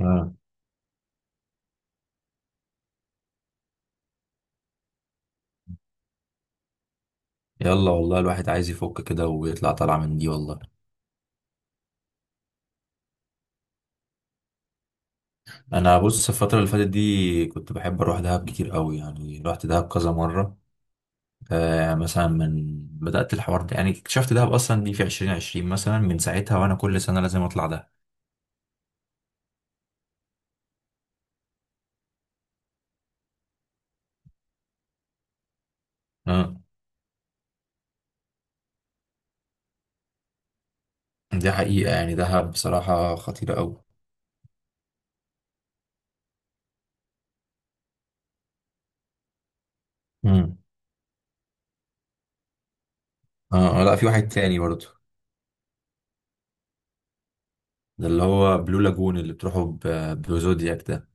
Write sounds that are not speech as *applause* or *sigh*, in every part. آه. يلا والله الواحد عايز يفك كده ويطلع طالعة من دي والله. انا بص، الفترة اللي فاتت دي كنت بحب اروح دهب كتير قوي، يعني رحت دهب كذا مرة. آه، مثلا من بدأت الحوار ده، يعني اكتشفت دهب اصلا دي في 2020، مثلا من ساعتها وانا كل سنة لازم اطلع دهب. آه. دي حقيقة، يعني دهب بصراحة خطيرة قوي. مم. اه آه، لا، في واحد تاني برضه. ده اللي هو بلو لاجون اللي بتروحوا بزودياك ده.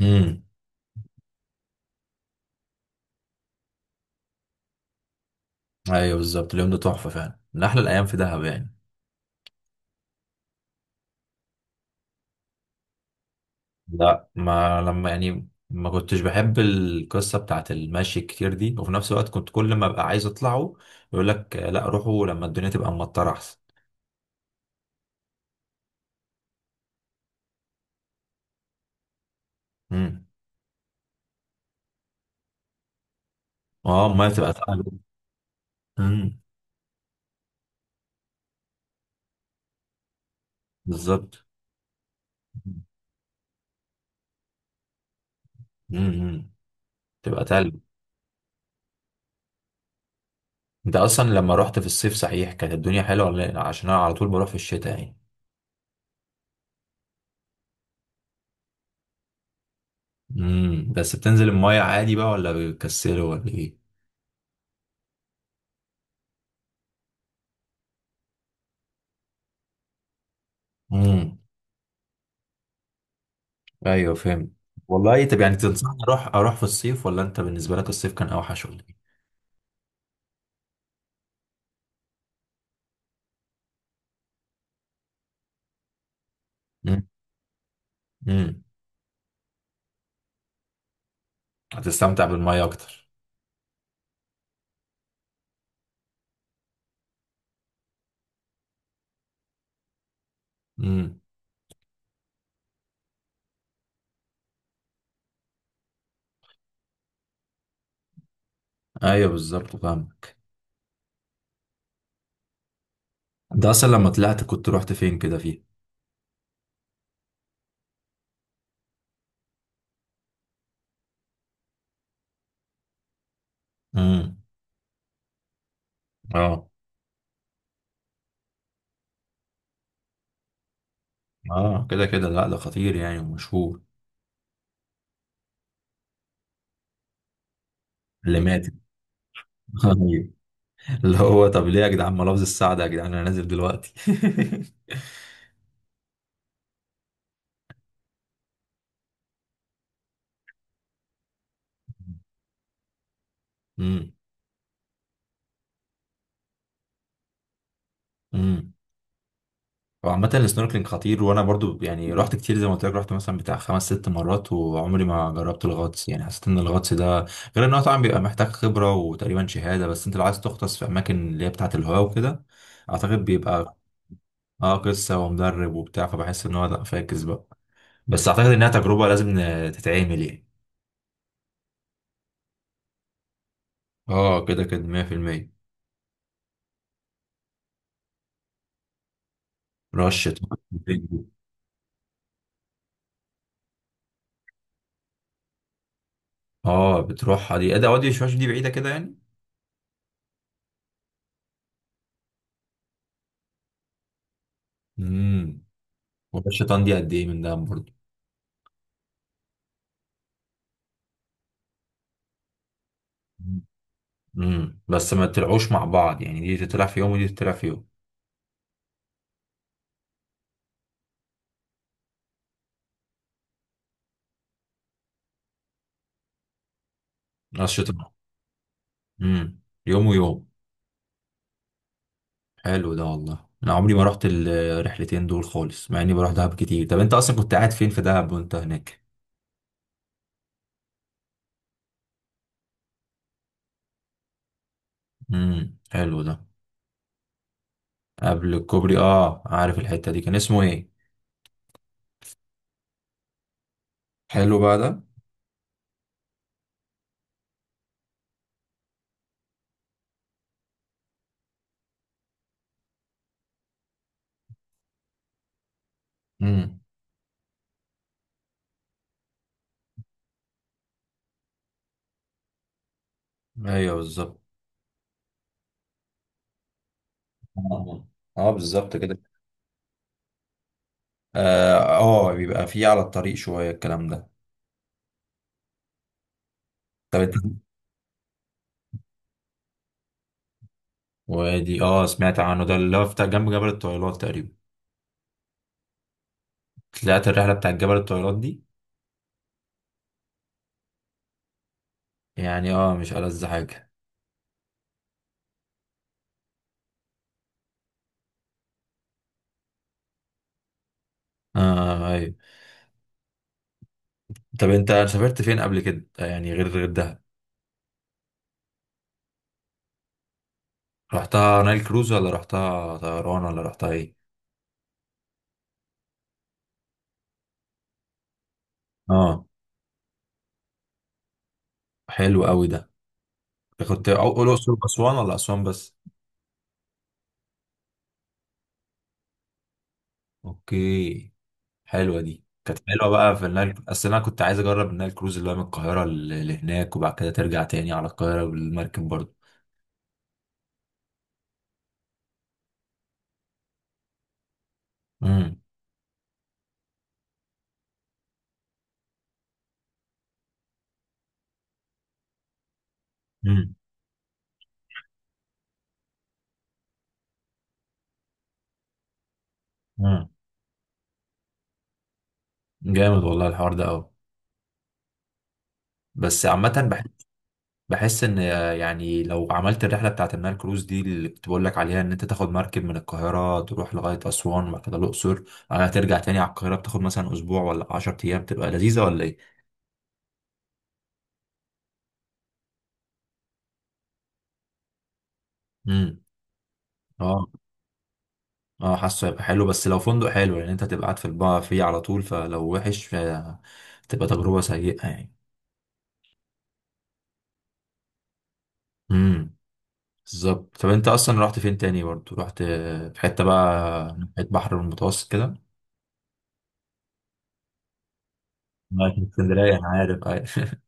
امم. ايوه بالظبط، اليوم ده تحفة فعلا، من احلى الايام في دهب يعني. لا ما لما، يعني ما كنتش بحب القصة بتاعت المشي الكتير دي، وفي نفس الوقت كنت كل ما ابقى عايز اطلعه يقول لك آه، لا روحوا لما الدنيا تبقى مطرة احسن. امم. اه، المية تبقى تقل. امم. بالظبط. امم. تبقى تقل. انت اصلا لما رحت في الصيف صحيح كانت الدنيا حلوة ولا لأ؟ عشان انا على طول بروح في الشتاء يعني. امم، بس بتنزل المية عادي بقى ولا بيكسلوا ولا ايه؟ امم. ايوه فهمت. والله طب، يعني تنصحني اروح في الصيف، ولا انت بالنسبة لك الصيف كان اوحش ولا إيه؟ مم. مم. هتستمتع بالمية اكتر. مم. ايوه بالظبط فاهمك. انت اصلا لما طلعت كنت رحت فين كده فيه؟ امم. اه. اه كده كده، لا ده خطير يعني ومشهور. اللي مات *laughs* أيوة. اللي هو طب ليه يا جدعان ما لفظ السعد يا جدعان، انا نازل دلوقتي. *laughs* امم. هو عامة السنوركلينج خطير، وانا برضو يعني رحت كتير زي ما قلت لك، رحت مثلا بتاع خمس ست مرات وعمري ما جربت الغطس. يعني حسيت ان الغطس ده، غير ان هو طبعا بيبقى محتاج خبرة وتقريبا شهادة، بس انت لو عايز تغطس في اماكن اللي هي بتاعة الهواء وكده اعتقد بيبقى اه قصة ومدرب وبتاع، فبحس ان هو لا فاكس بقى. بس اعتقد انها تجربة لازم تتعمل يعني. اه كده كده 100%. رشة. اه بتروحها دي ادي اودي شوية، دي بعيدة كده يعني. امم. ورشة دي قد ايه من ده برضو؟ امم، بس ما تطلعوش مع بعض يعني، دي تطلع في يوم ودي تطلع في يوم. أنشطة. امم. يوم ويوم. حلو ده والله، أنا عمري ما رحت الرحلتين دول خالص مع إني بروح دهب كتير. طب أنت أصلا كنت قاعد فين في دهب وأنت هناك؟ امم، حلو ده. قبل الكوبري، أه عارف الحتة دي، كان اسمه إيه؟ حلو بقى ده. امم. أيوه بالظبط. اه آه، بالظبط كده. اه آه، بيبقى فيه على الطريق شوية الكلام ده. طب أنت، وادي، أه سمعت عنه ده، اللي هو بتاع جنب جبل الطويلات تقريبا. طلعت الرحلة بتاعت جبل الطويلات دي؟ يعني اه مش ألذ حاجة. اه ايوه. طب انت سافرت فين قبل كده، يعني غير دهب؟ رحتها نايل كروز، ولا رحتها طيران، ولا رحتها ايه؟ اه حلو قوي ده. كنت أو الأقصر وأسوان، ولا أسوان بس؟ اوكي. حلوة دي، كانت حلوة بقى في النايل، اصل انا كنت عايز اجرب النايل كروز اللي هو من القاهرة لهناك، وبعد كده ترجع تاني على القاهرة بالمركب برضه. امم. امم. امم. جامد والله الحوار ده قوي. بس عامة بحس، بحس ان، يعني لو عملت الرحله بتاعت النايل كروز دي اللي كنت بقول لك عليها، ان انت تاخد مركب من القاهره تروح لغايه اسوان وبعد كده الاقصر، بعدها ترجع تاني على القاهره، بتاخد مثلا اسبوع ولا 10 ايام، تبقى لذيذه ولا ايه؟ امم. اه. اه حاسه هيبقى حلو، بس لو فندق حلو يعني، انت هتبقى قاعد في البا فيه على طول، فلو وحش فتبقى تجربه سيئه يعني. امم. بالظبط. طب انت اصلا رحت فين تاني برضه، رحت في حته بقى، ناحيه بحر المتوسط كده؟ ما في اسكندريه انا عارف. *laughs*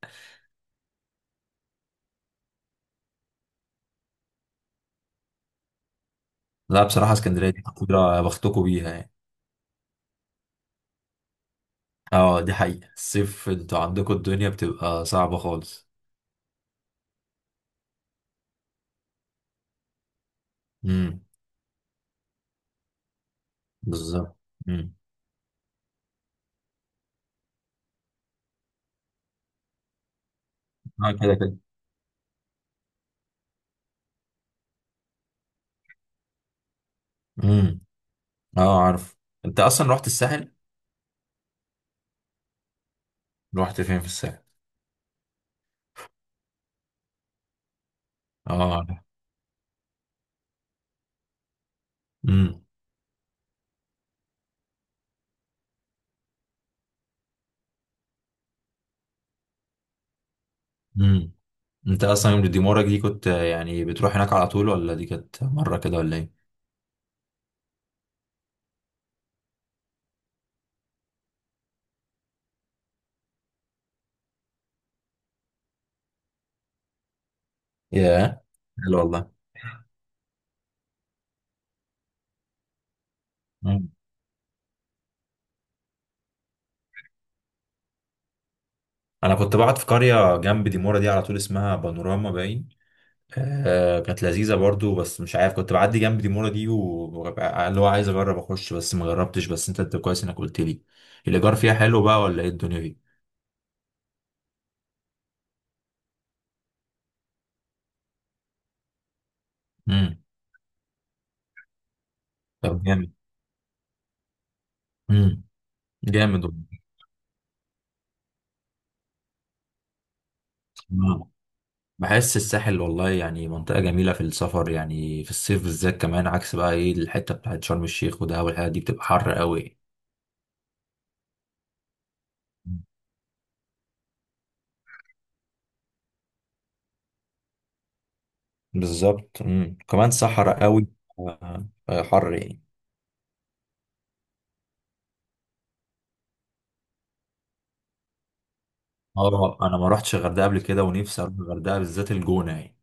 لا بصراحة اسكندرية دي محظوظة بختكوا بيها يعني. اه دي حقيقة، الصيف انتوا عندكوا الدنيا بتبقى صعبة خالص. امم. بالظبط. امم. اه كده كده. امم. اه عارف. انت اصلا رحت الساحل؟ رحت فين في الساحل؟ اه عارف. امم. امم. انت اصلا يوم ديمورك دي كنت آه، يعني بتروح هناك على طول، ولا دي كانت مرة كده ولا ايه؟ ياه. حلو والله. مم. انا كنت بقعد في قرية جنب ديمورا دي على طول، اسمها بانوراما باين. آه كانت لذيذة برضو، بس مش عارف، كنت بعدي جنب ديمورا دي وببقى اللي هو عايز أجرب أخش بس ما جربتش، بس أنت كويس إنك قلت لي. الإيجار فيها حلو بقى ولا إيه الدنيا دي؟ امم. طب جامد. امم. جامد والله. آه. بحس الساحل والله يعني منطقة جميلة في السفر، يعني في الصيف بالذات، كمان عكس بقى إيه الحتة بتاعت شرم الشيخ ودهب والحاجات دي بتبقى حر قوي. مم. بالظبط. امم، كمان صحراء قوي. آه، آه، حر يعني. اه انا ما رحتش الغردقه قبل كده، ونفسي اروح الغردقه، بالذات الجونه يعني.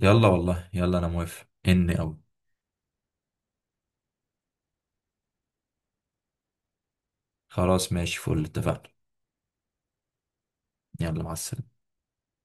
يلا والله، يلا انا موافق اني اوي. خلاص ماشي، فل اتفقنا. يلا مع السلامة.